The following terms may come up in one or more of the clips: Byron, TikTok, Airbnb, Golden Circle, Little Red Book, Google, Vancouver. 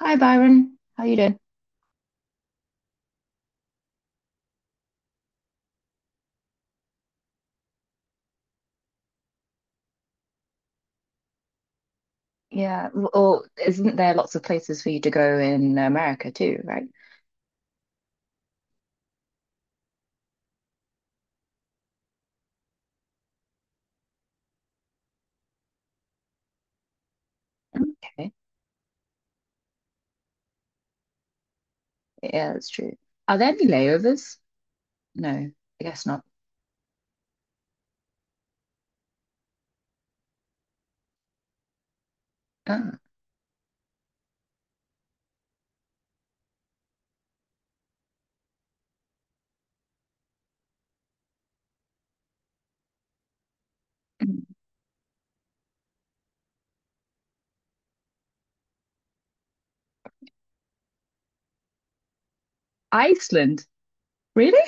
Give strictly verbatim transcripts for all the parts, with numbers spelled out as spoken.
Hi Byron, how you doing? Yeah, or isn't there lots of places for you to go in America too, right? Mm. Okay, yeah, that's true. Are there any layovers? No, I guess not. Ah. Iceland, really?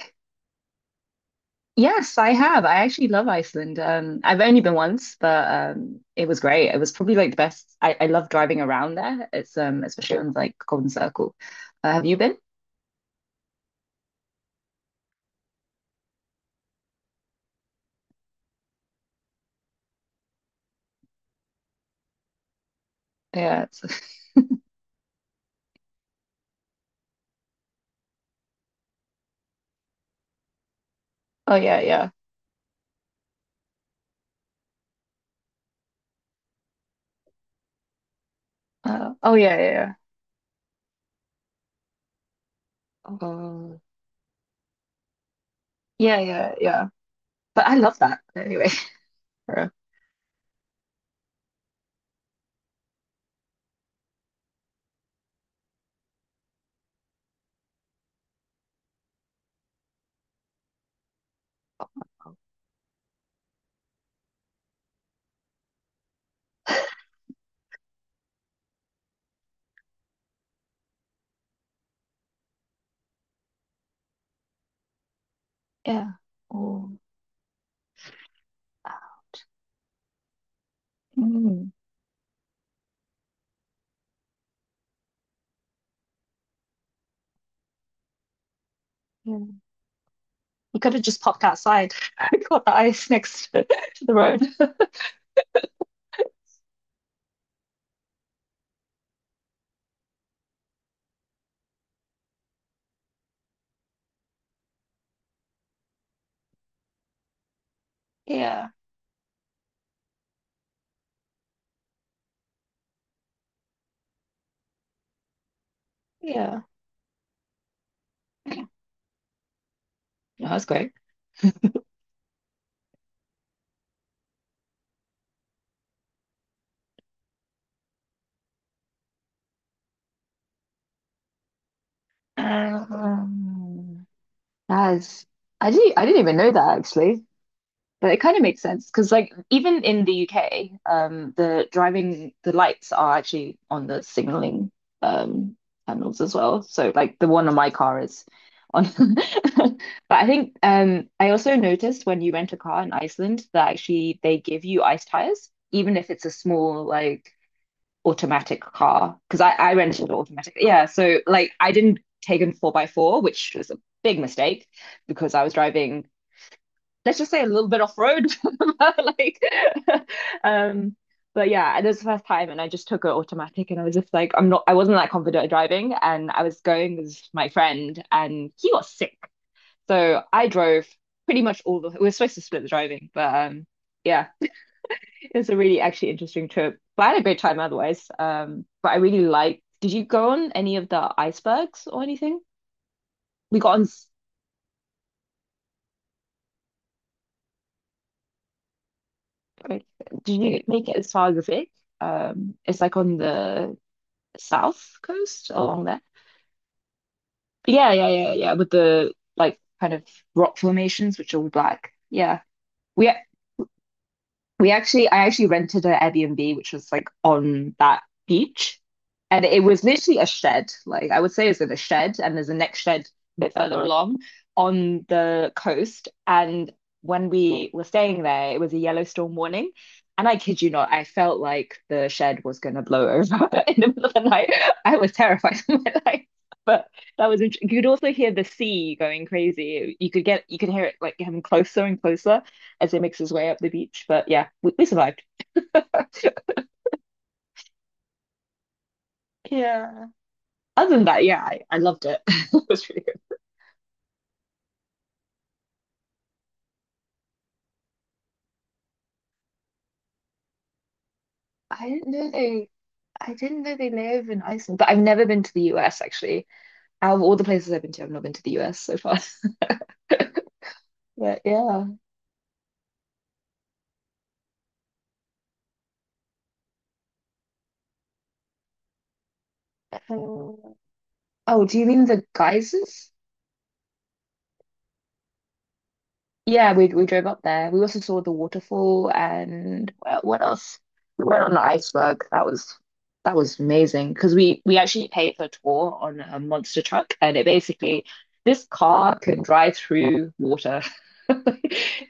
Yes, I have. I actually love Iceland. Um, I've only been once, but um, it was great. It was probably like the best. I, I love driving around there. It's um, especially on like Golden Circle. Uh, have you been? Yeah. it's- Oh yeah, yeah. Uh, oh yeah, yeah, yeah. Oh, yeah, yeah, yeah. But I love that anyway. Yeah. Oh, mm, yeah. You could have just popped outside. Got the ice next to, to the road. Yeah. Yeah. No, that's great. Um, that is, I didn't I didn't even know that actually. But it kind of makes sense because, like, even in the U K, um, the driving the lights are actually on the signaling um panels as well. So, like, the one on my car is on. But I think um, I also noticed when you rent a car in Iceland that actually they give you ice tires, even if it's a small like automatic car. Because I I rented automatic, yeah. So like, I didn't take a four by four, which was a big mistake because I was driving, let's just say, a little bit off road. Like, um, but yeah, it was the first time, and I just took it automatic, and I was just like, I'm not, I wasn't that confident at driving, and I was going with my friend, and he got sick, so I drove pretty much all the. We were supposed to split the driving, but um, yeah, it was a really actually interesting trip. But I had a great time otherwise. Um, but I really liked. Did you go on any of the icebergs or anything? We got on. Did you make it as far as the Vic? Um, it's like on the south coast along there. But yeah, yeah, yeah, yeah. With the like kind of rock formations, which are all black. Yeah. We we actually, I actually rented an Airbnb, which was like on that beach. And it was literally a shed. Like I would say it's in a shed, and there's a next shed a bit further along on the coast. And when we were staying there, it was a yellow storm warning. And I kid you not, I felt like the shed was gonna blow over in the middle of the night. I was terrified of my life. But that was int- you could also hear the sea going crazy. You could get you could hear it like getting closer and closer as he makes his way up the beach. But yeah, we, we survived. Yeah. Other than that, yeah, I, I loved it. It was really good. I didn't know they I didn't know they live in Iceland, but I've never been to the U S actually. Out of all the places I've been to, I've not been to the U S so far. But yeah. Um, oh, do you mean the geysers? Yeah, we we drove up there. We also saw the waterfall and what, what else? We went on the iceberg. That was that was amazing because we we actually paid for a tour on a monster truck, and it basically this car can drive through water.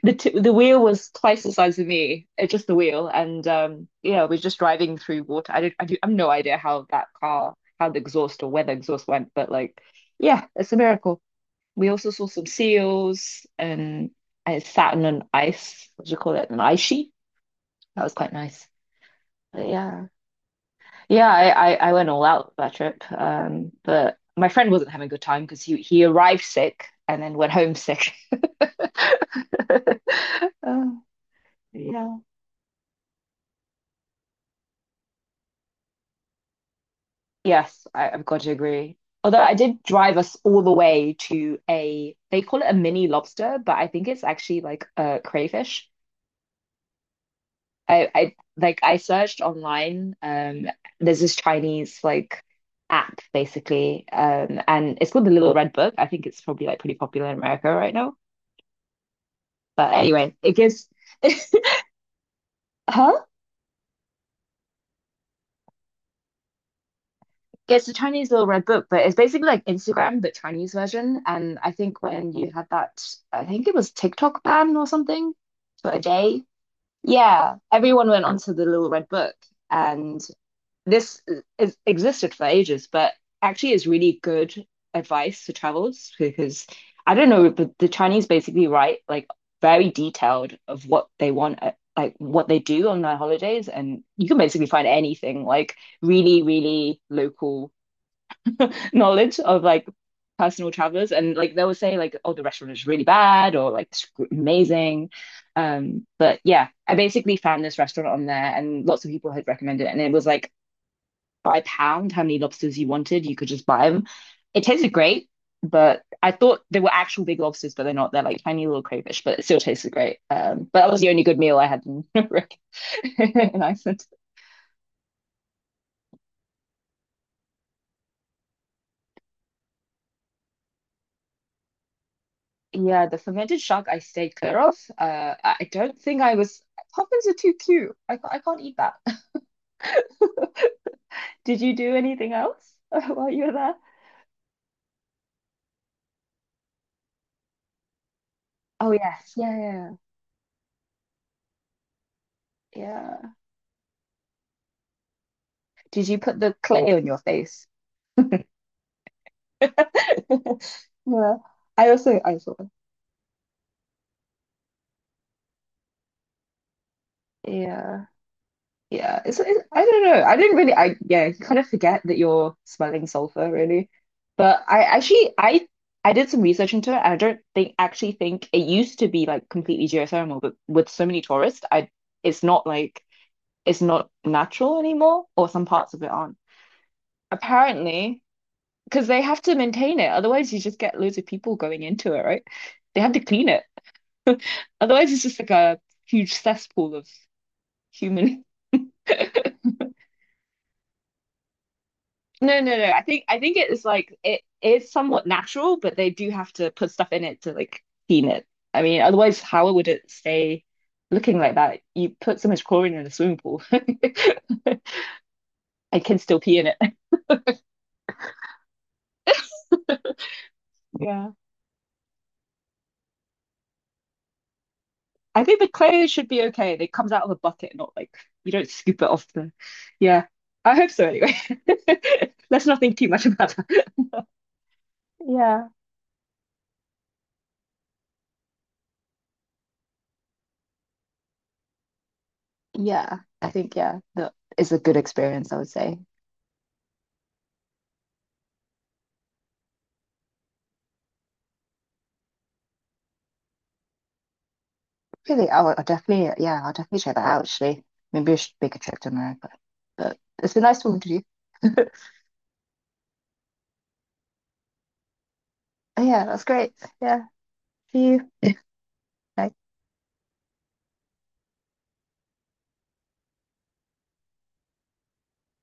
The t the wheel was twice the size of me. It's just the wheel, and um, yeah, we're just driving through water. I don't, I do, I have no idea how that car, how the exhaust or where the exhaust went, but like, yeah, it's a miracle. We also saw some seals and I sat on an ice, what do you call it? An ice sheet. That was quite nice. But yeah. Yeah, I, I, I went all out that trip. Um, but my friend wasn't having a good time because he he arrived sick and then went home sick. Oh, yeah. Yes, I, I've got to agree. Although I did drive us all the way to a, they call it a mini lobster, but I think it's actually like a crayfish. I I like I searched online. Um, there's this Chinese like app basically, um, and it's called the Little Red Book. I think it's probably like pretty popular in America right now. But anyway, it gives huh? It's the Chinese Little Red Book, but it's basically like Instagram but Chinese version. And I think when you had that, I think it was TikTok ban or something for a day. Yeah, everyone went onto the Little Red Book, and this is, existed for ages, but actually is really good advice to travelers because I don't know, but the Chinese basically write like very detailed of what they want, uh, like what they do on their holidays, and you can basically find anything like really, really local knowledge of like personal travelers, and like they will say like, oh, the restaurant is really bad or like it's amazing. Um, but yeah, I basically found this restaurant on there, and lots of people had recommended it, and it was like by pound how many lobsters you wanted. You could just buy them. It tasted great, but I thought they were actual big lobsters, but they're not. They're like tiny little crayfish, but it still tasted great. Um, but that was the only good meal I had in, in Iceland. Yeah, the fermented shark I stayed clear of. Uh, I don't think I was. Puffins are too cute. I I can't eat that. Did you do anything else while you were there? Oh yes, yeah, yeah, yeah. Did you put the clay on your face? Yeah, I also I saw. Yeah. Yeah, it's, it's I don't know. I didn't really I yeah, you kind of forget that you're smelling sulfur really. But I actually I I did some research into it and I don't think actually think it used to be like completely geothermal, but with so many tourists, I it's not like it's not natural anymore, or some parts of it aren't. Apparently, because they have to maintain it, otherwise you just get loads of people going into it, right? They have to clean it. Otherwise it's just like a huge cesspool of human No, no, no. I think I think it is like it is somewhat natural, but they do have to put stuff in it to like clean it. I mean, otherwise, how would it stay looking like that? You put so much chlorine in a swimming pool. I can still pee in it. Yeah. I think the clay should be okay. It comes out of a bucket, not like you don't scoop it off the. Yeah. I hope so anyway. Let's not think too much about that. Yeah. Yeah. I think yeah, that is a good experience, I would say. Really, I'll, I'll definitely, yeah, I'll definitely check that out actually. Maybe I should make a trip to America. But it's been nice talking to you. Oh, yeah, that's great. Yeah, see you. Bye.